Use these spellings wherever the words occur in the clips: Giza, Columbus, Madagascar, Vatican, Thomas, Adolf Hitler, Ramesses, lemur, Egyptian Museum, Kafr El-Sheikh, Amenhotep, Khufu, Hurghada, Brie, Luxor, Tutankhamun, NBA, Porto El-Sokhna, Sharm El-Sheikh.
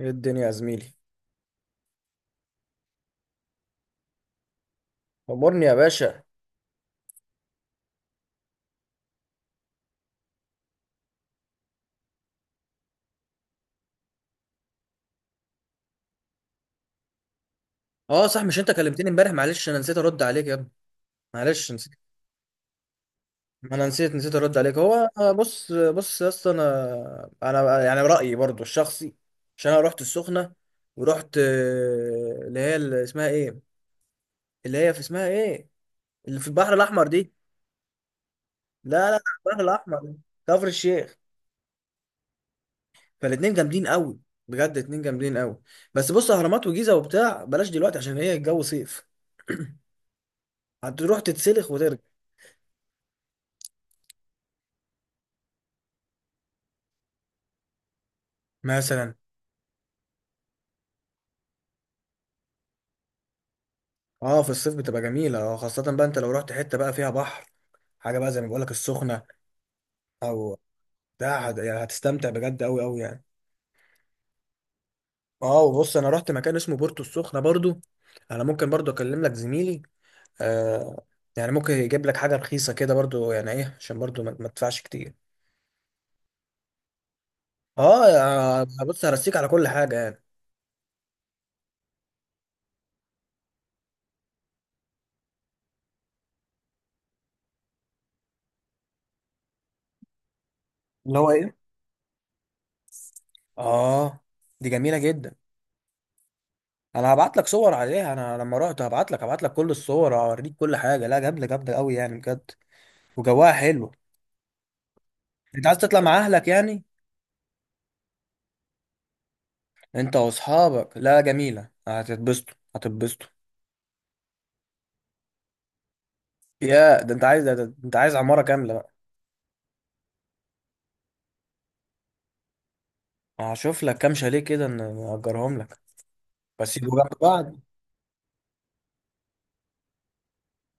ايه الدنيا يا زميلي؟ امرني يا باشا. اه، صح، مش انت كلمتني امبارح؟ معلش انا نسيت ارد عليك يا ابني. معلش، نسيت. ما انا نسيت ارد عليك. هو، بص بص يا اسطى، انا يعني رايي برضو الشخصي. عشان انا رحت السخنه، ورحت اللي هي، اللي اسمها ايه؟ اللي هي في اسمها ايه؟ اللي في البحر الاحمر دي. لا، لا، البحر الاحمر، كفر الشيخ. فالاتنين جامدين قوي، بجد اتنين جامدين قوي. بس بص، اهرامات وجيزه وبتاع بلاش دلوقتي، عشان هي الجو صيف، هتروح تتسلخ وترجع. مثلا. اه، في الصيف بتبقى جميلة. اه، خاصة بقى انت لو رحت حتة بقى فيها بحر، حاجة بقى زي ما بقولك، السخنة. او، ده يعني هتستمتع بجد، اوي اوي يعني. اه، وبص، انا رحت مكان اسمه بورتو السخنة برضو. انا ممكن برضو اكلم لك زميلي. آه، يعني ممكن يجيب لك حاجة رخيصة كده برضو يعني ايه، عشان برضو ما تدفعش كتير. اه، بص، هرسيك على كل حاجة يعني. اللي هو ايه؟ اه، دي جميلة جدا. انا هبعت لك صور عليها، انا لما رحت هبعت لك، كل الصور، هوريك كل حاجة. لا، جامدة جامدة اوي يعني، بجد. وجواها حلو. انت عايز تطلع مع اهلك يعني؟ انت واصحابك، لا، جميله، هتتبسطوا هتتبسطوا. يا ده انت عايز، ده انت عايز عماره كامله بقى. هشوف لك كام شاليه كده، نأجرهم لك، بس يبقوا جنب بعض.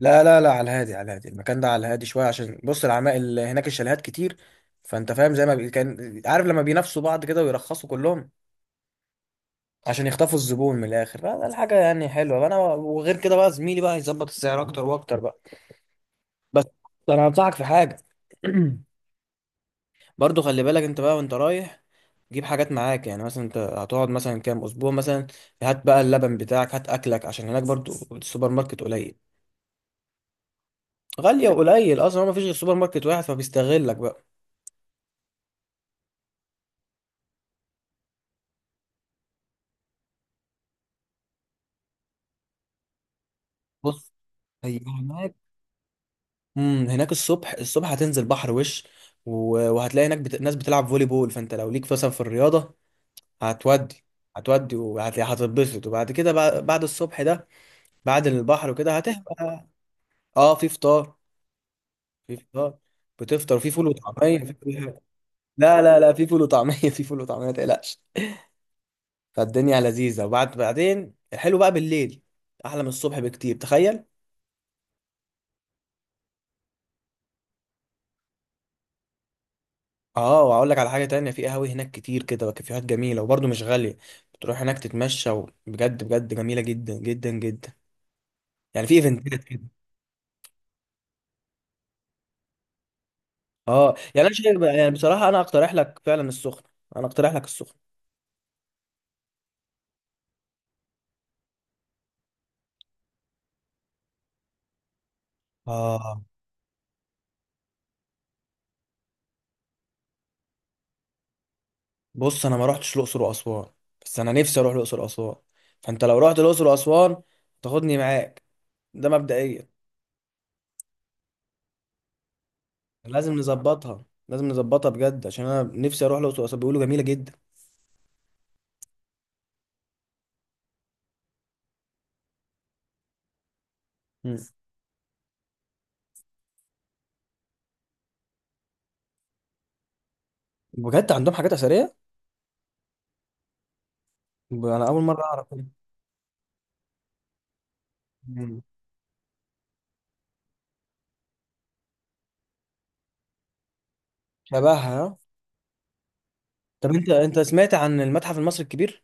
لا، لا، لا، على الهادي، على الهادي المكان ده، على الهادي شويه، عشان بص، العمائل هناك الشاليهات كتير، فانت فاهم زي ما كان عارف، لما بينافسوا بعض كده ويرخصوا كلهم عشان يخطفوا الزبون من الاخر. لا ده الحاجه يعني حلوه انا. وغير كده بقى، زميلي بقى هيظبط السعر اكتر واكتر بقى. بس، انا هنصحك في حاجه. برضو خلي بالك انت بقى وانت رايح، جيب حاجات معاك. يعني مثلا، انت هتقعد مثلا كام اسبوع مثلا، هات بقى اللبن بتاعك، هات اكلك، عشان هناك برضو السوبر ماركت قليل. غالية، وقليل اصلا، هو مفيش غير سوبر ماركت واحد فبيستغلك بقى. بص، هي هناك، هناك الصبح الصبح هتنزل بحر وش، وهتلاقي هناك ناس بتلعب فولي بول، فانت لو ليك مثلا في الرياضة، هتودي هتودي وهتبسط. وبعد كده بقى، بعد الصبح ده، بعد البحر وكده هتبقى. اه، في فطار. في، بتفطر في فول وطعميه في كل حاجه. لا، لا، لا، في فول وطعميه، في فول وطعميه، ما تقلقش. فالدنيا لذيذه. وبعد بعدين الحلو بقى بالليل، احلى من الصبح بكتير، تخيل. اه، واقول لك على حاجه تانية، في قهاوي هناك كتير كده، وكافيهات جميله وبرضه مش غاليه، بتروح هناك تتمشى، وبجد بجد جميله جدا جدا جدا. يعني في ايفنتات كده. اه، يعني انا شايف يعني بصراحه، انا اقترح لك فعلا السخنه، انا اقترح لك السخنه. اه، بص، انا ما رحتش الاقصر واسوان، بس انا نفسي اروح الاقصر واسوان، فانت لو رحت الاقصر واسوان، تاخدني معاك، ده مبدئيا. لازم نظبطها، لازم نظبطها بجد، عشان انا نفسي اروح الاقصر واسوان، بيقولوا جميله جدا. مم. بجد عندهم حاجات اثريه؟ انا اول مره اعرف كده. مم. شبهها، آه. طب، انت سمعت عن المتحف المصري الكبير؟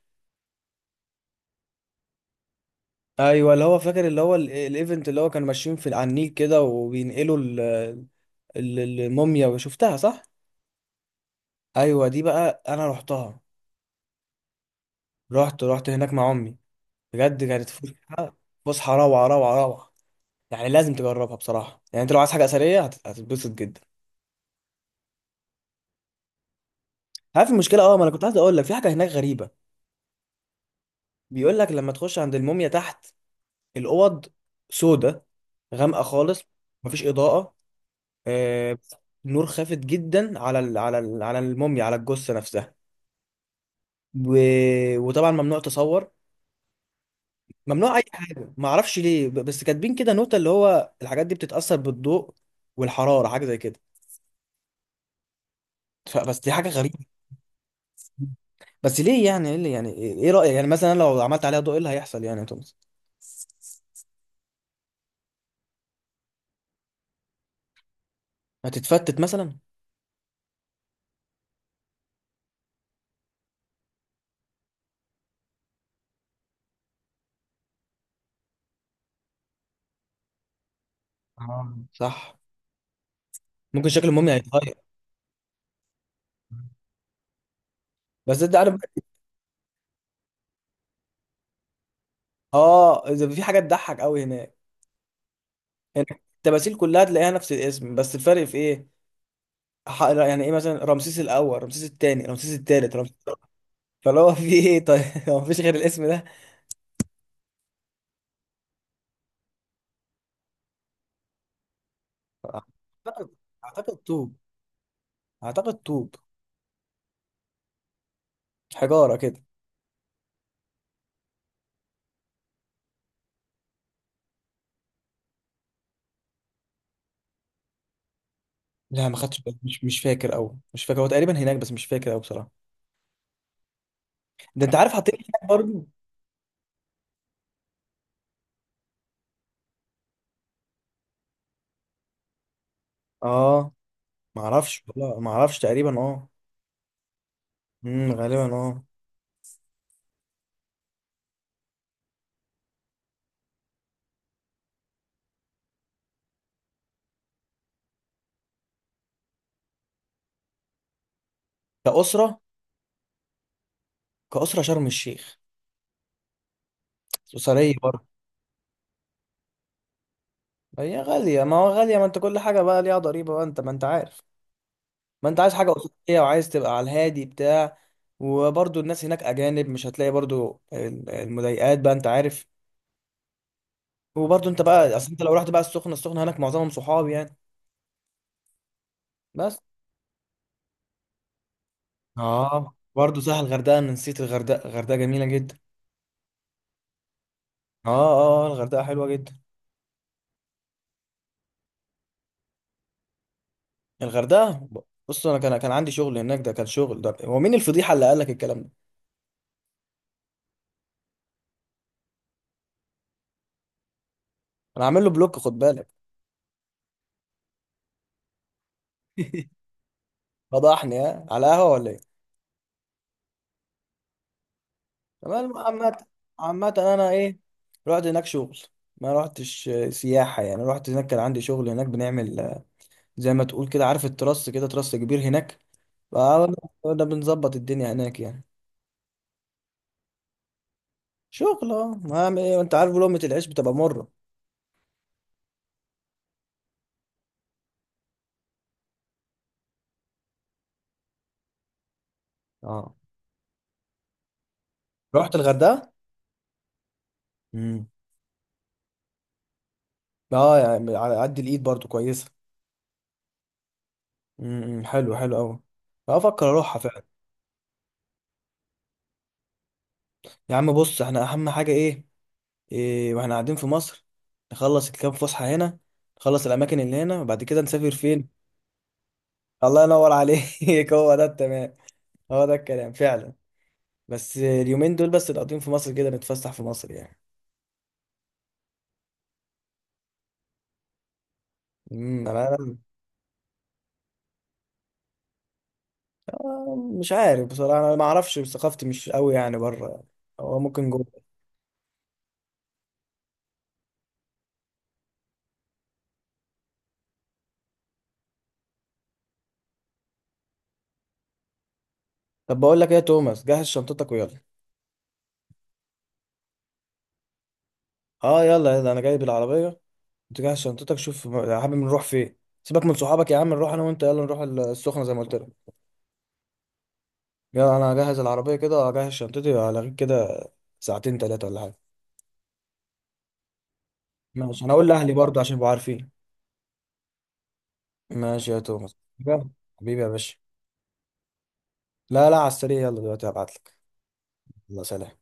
ايوه، اللي هو فاكر، اللي هو الايفنت اللي هو كانوا ماشيين في على النيل كده، وبينقلوا الموميا، وشفتها، صح؟ ايوه دي بقى انا رحتها، رحت هناك مع امي، بجد كانت فسحه، فسحه روعه روعه روعه. يعني لازم تجربها بصراحه، يعني انت لو عايز حاجه اثريه هتتبسط جدا. عارف المشكله؟ اه، ما انا كنت عايز اقول لك، في حاجه هناك غريبه. بيقول لك، لما تخش عند الموميا تحت، الاوض سودة، غامقه خالص، مفيش اضاءه، آه، نور خافت جدا على الموميا، على الجثه نفسها. و... وطبعا ممنوع تصور، ممنوع اي حاجه. ما اعرفش ليه، بس كاتبين كده نوتة اللي هو الحاجات دي بتتاثر بالضوء والحراره، حاجه زي كده. بس دي حاجه غريبه. بس ليه؟ يعني ايه اللي يعني ايه رأيك يعني مثلا لو عملت عليها ضوء، ايه اللي هيحصل يعني يا توماس؟ هتتفتت مثلا؟ اه، صح، ممكن شكل الموميا هيتغير. بس انت عارف، اه، اذا في حاجه تضحك قوي هناك. هناك التماثيل كلها تلاقيها نفس الاسم، بس الفرق في ايه؟ يعني ايه مثلا؟ رمسيس الاول، رمسيس الثاني، رمسيس الثالث، رمسيس، فاللي هو في ايه طيب؟ هو مفيش غير الاسم ده. اعتقد، اعتقد طوب، اعتقد طوب، حجاره كده. لا، ما خدتش بالي، مش فاكر قوي، مش فاكر، هو تقريبا هناك بس مش فاكر قوي بصراحه. ده انت عارف حاطين إيه هناك برضه؟ اه، ما اعرفش والله، ما اعرفش تقريبا، اه. امم، غالبا، اه. كأسرة؟ كأسرة شرم الشيخ، أسرية برضه. هي غالية، ما هو غالية، ما انت كل حاجة بقى ليها ضريبة بقى، انت ما انت عارف. ما انت عايز حاجة أسرية وعايز تبقى على الهادي بتاع، وبرضه الناس هناك أجانب، مش هتلاقي برضه المضايقات بقى، انت عارف. وبرضه انت بقى، اصل انت لو رحت بقى السخنة، السخنة هناك معظمهم صحاب يعني. بس، اه، برضه سهل، الغردقة، انا نسيت الغردقة، الغردقة جميلة جدا. اه، اه، الغردقة حلوة جدا. الغردقه بص، انا كان عندي شغل هناك، ده كان شغل. ده هو مين الفضيحه اللي قال لك الكلام ده؟ انا عامل له بلوك، خد بالك. فضحني، ها، على قهوه ولا ايه؟ تمام، عامه. عامه انا ايه؟ رحت هناك شغل، ما رحتش سياحه يعني، رحت هناك كان عندي شغل هناك، بنعمل زي ما تقول كده، عارف التراس كده، تراس كبير هناك، فده بنظبط الدنيا هناك يعني. شغل، اه ما أعمل ايه، انت عارف لقمه العيش بتبقى مره. اه، رحت الغردقه. امم. اه، يعني على قد الايد برضو كويسه. امم، حلو حلو قوي، افكر اروحها فعلا. يا عم بص، احنا اهم حاجه ايه، إيه واحنا قاعدين في مصر؟ نخلص الكام فسحه هنا، نخلص الاماكن اللي هنا، وبعد كده نسافر فين؟ الله ينور عليك! هو ده التمام، هو ده الكلام فعلا. بس اليومين دول بس نقضيهم في مصر كده، نتفسح في مصر يعني. انا. مش عارف بصراحه، انا ما اعرفش، ثقافتي مش قوي يعني بره يعني. هو ممكن جوه. طب بقول لك ايه يا توماس؟ جهز شنطتك ويلا. اه، يلا يلا، انا جايب العربيه، تجهز شنطتك، شوف يا حبيبي نروح فين. سيبك من صحابك يا عم، نروح انا وانت، يلا نروح السخنه زي ما قلت لك. يلا، انا هجهز العربيه كده، هجهز شنطتي، هلاقيك كده ساعتين ثلاثه ولا حاجه. ماشي، انا اقول لاهلي برضه عشان يبقوا عارفين. ماشي يا توماس. تمام. حبيبي يا باشا. لا، لا، على السريع، يلا دلوقتي هبعت لك. يلا سلام.